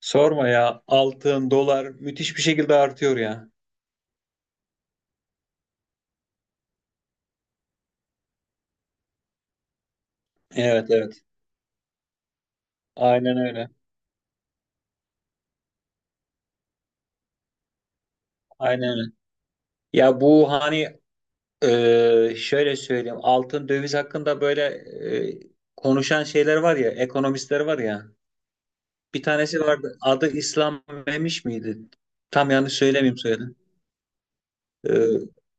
Sorma ya. Altın, dolar müthiş bir şekilde artıyor ya. Evet evet. Aynen öyle. Aynen öyle. Ya bu hani şöyle söyleyeyim. Altın döviz hakkında böyle e, konuşan şeyler var ya. Ekonomistler var ya. Bir tanesi vardı. Adı İslam Memiş miydi? Tam yanlış söylemeyeyim söyledim. E,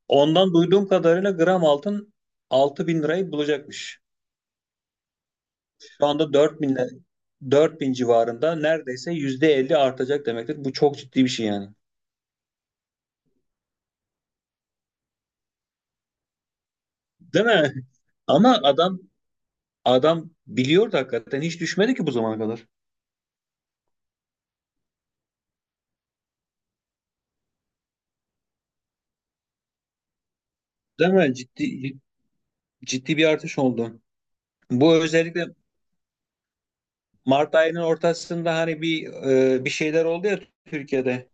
ondan duyduğum kadarıyla gram altın 6.000 lirayı bulacakmış. Şu anda 4.000 4.000 civarında neredeyse %50 artacak demektir. Bu çok ciddi bir şey yani. Değil mi? Ama adam biliyordu hakikaten hiç düşmedi ki bu zamana kadar. Değil mi? Ciddi ciddi bir artış oldu. Bu özellikle Mart ayının ortasında hani bir şeyler oldu ya Türkiye'de.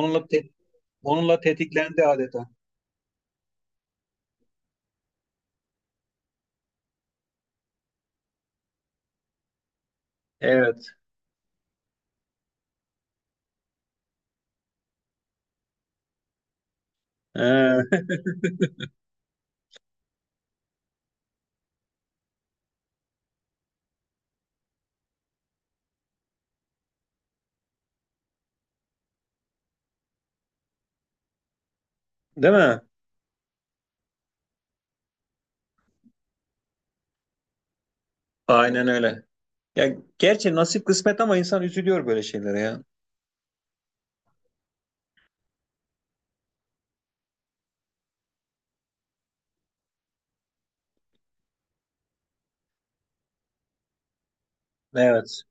Onunla te- onunla tetiklendi adeta. Evet. Ee, değil mi? Aynen öyle. Ya gerçi nasip kısmet ama insan üzülüyor böyle şeylere ya. Evet.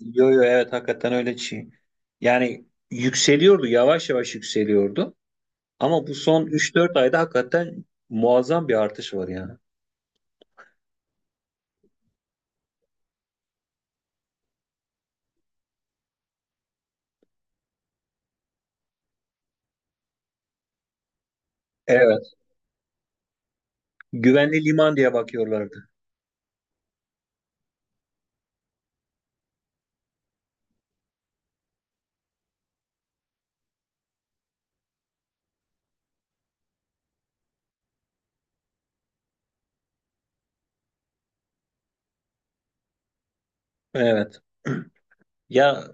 Yo yo evet hakikaten öyle şey. Yani yükseliyordu, yavaş yavaş yükseliyordu. Ama bu son üç dört ayda hakikaten muazzam bir artış var yani. Evet. Güvenli liman diye bakıyorlardı. Evet. Ya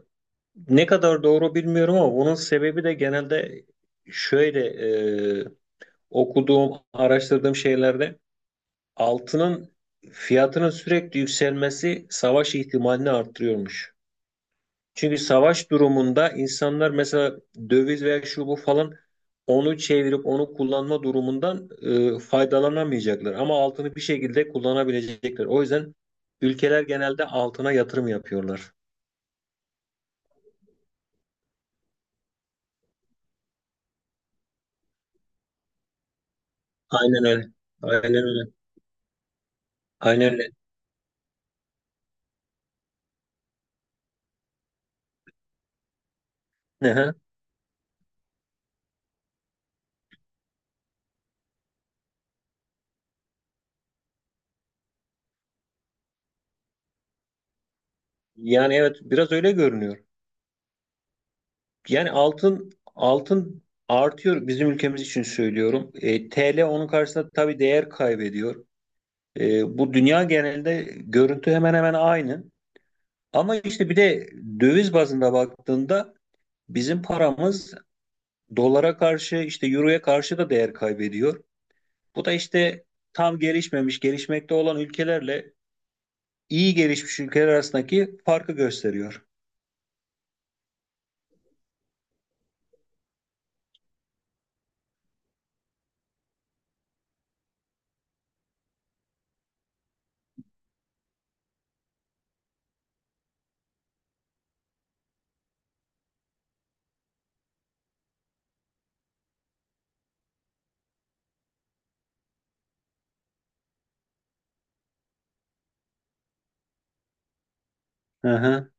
ne kadar doğru bilmiyorum ama bunun sebebi de genelde şöyle e, okuduğum, araştırdığım şeylerde altının fiyatının sürekli yükselmesi savaş ihtimalini arttırıyormuş. Çünkü savaş durumunda insanlar mesela döviz veya şu bu falan onu çevirip onu kullanma durumundan faydalanamayacaklar. Ama altını bir şekilde kullanabilecekler. O yüzden ülkeler genelde altına yatırım yapıyorlar. Aynen öyle. Aynen öyle. Aynen öyle. Hı hı. Yani evet biraz öyle görünüyor. Yani altın artıyor bizim ülkemiz için söylüyorum. TL onun karşısında tabii değer kaybediyor. Bu dünya genelinde görüntü hemen hemen aynı. Ama işte bir de döviz bazında baktığında bizim paramız dolara karşı işte euroya karşı da değer kaybediyor. Bu da işte tam gelişmemiş, gelişmekte olan ülkelerle iyi gelişmiş ülkeler arasındaki farkı gösteriyor. Hı hı.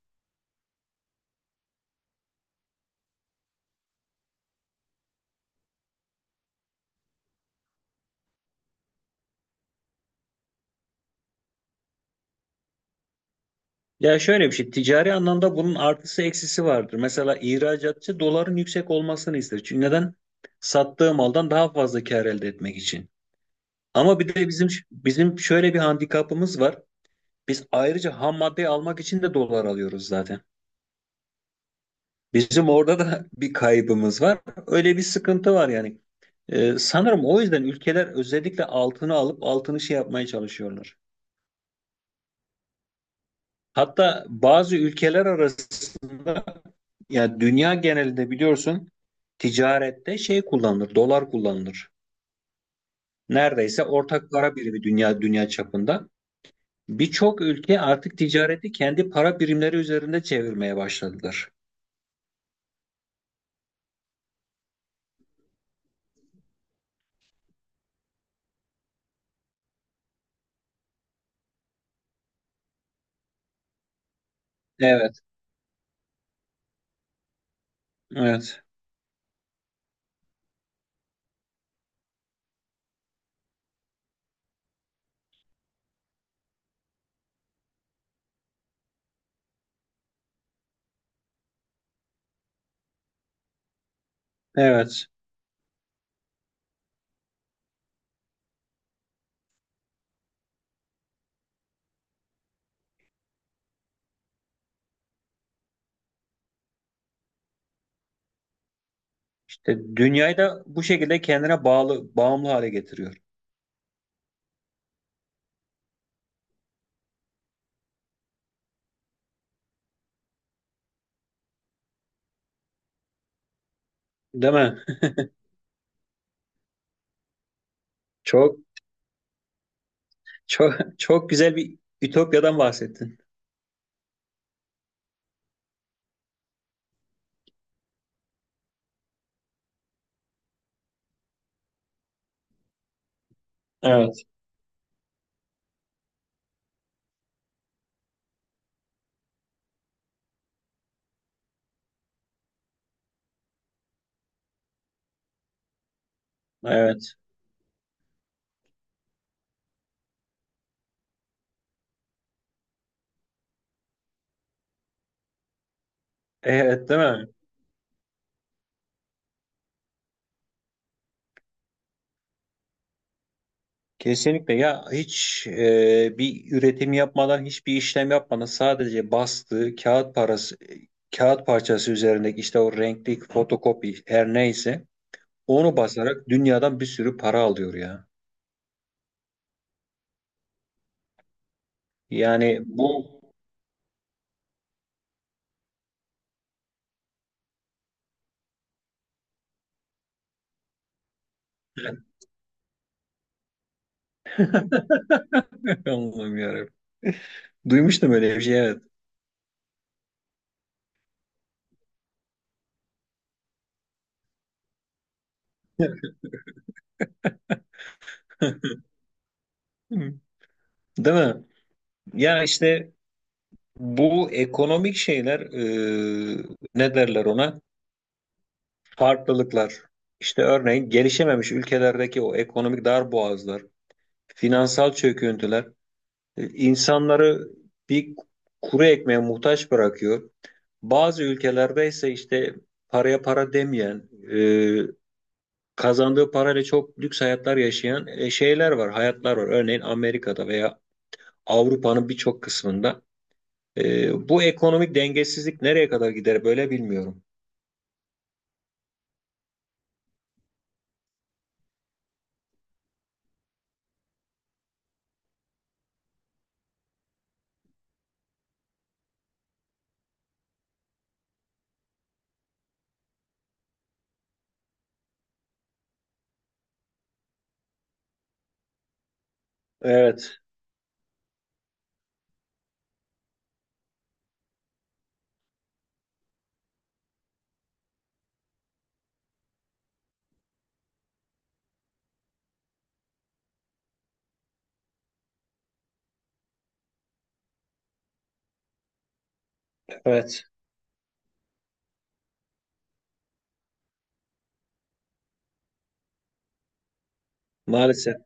Ya şöyle bir şey, ticari anlamda bunun artısı eksisi vardır. Mesela ihracatçı doların yüksek olmasını ister. Çünkü neden? Sattığı maldan daha fazla kar elde etmek için. Ama bir de bizim şöyle bir handikapımız var. Biz ayrıca ham madde almak için de dolar alıyoruz zaten. Bizim orada da bir kaybımız var. Öyle bir sıkıntı var yani. Sanırım o yüzden ülkeler özellikle altını alıp altını şey yapmaya çalışıyorlar. Hatta bazı ülkeler arasında ya dünya genelinde biliyorsun ticarette şey kullanılır, dolar kullanılır. Neredeyse ortak para birimi dünya çapında. Birçok ülke artık ticareti kendi para birimleri üzerinde çevirmeye başladılar. Evet, evet, evet. İşte dünyayı da bu şekilde kendine bağlı, bağımlı hale getiriyor. Değil mi? Çok, çok, çok güzel bir ütopyadan bahsettin. Evet, evet, evet, değil mi? Kesinlikle ya hiç bir üretim yapmadan hiçbir işlem yapmadan sadece bastığı kağıt parası kağıt parçası üzerindeki işte o renkli fotokopi her neyse onu basarak dünyadan bir sürü para alıyor ya. Yani bu Allah'ım yarabbim. Duymuştum öyle bir şey evet. Hı. Değil mi? Ya işte bu ekonomik şeyler ne derler ona? Farklılıklar. İşte örneğin gelişememiş ülkelerdeki o ekonomik darboğazlar, finansal çöküntüler insanları bir kuru ekmeğe muhtaç bırakıyor. Bazı ülkelerde ise işte paraya para demeyen, kazandığı parayla çok lüks hayatlar yaşayan şeyler var, hayatlar var. Örneğin Amerika'da veya Avrupa'nın birçok kısmında. Bu ekonomik dengesizlik nereye kadar gider böyle bilmiyorum. Evet, evet. Maalesef.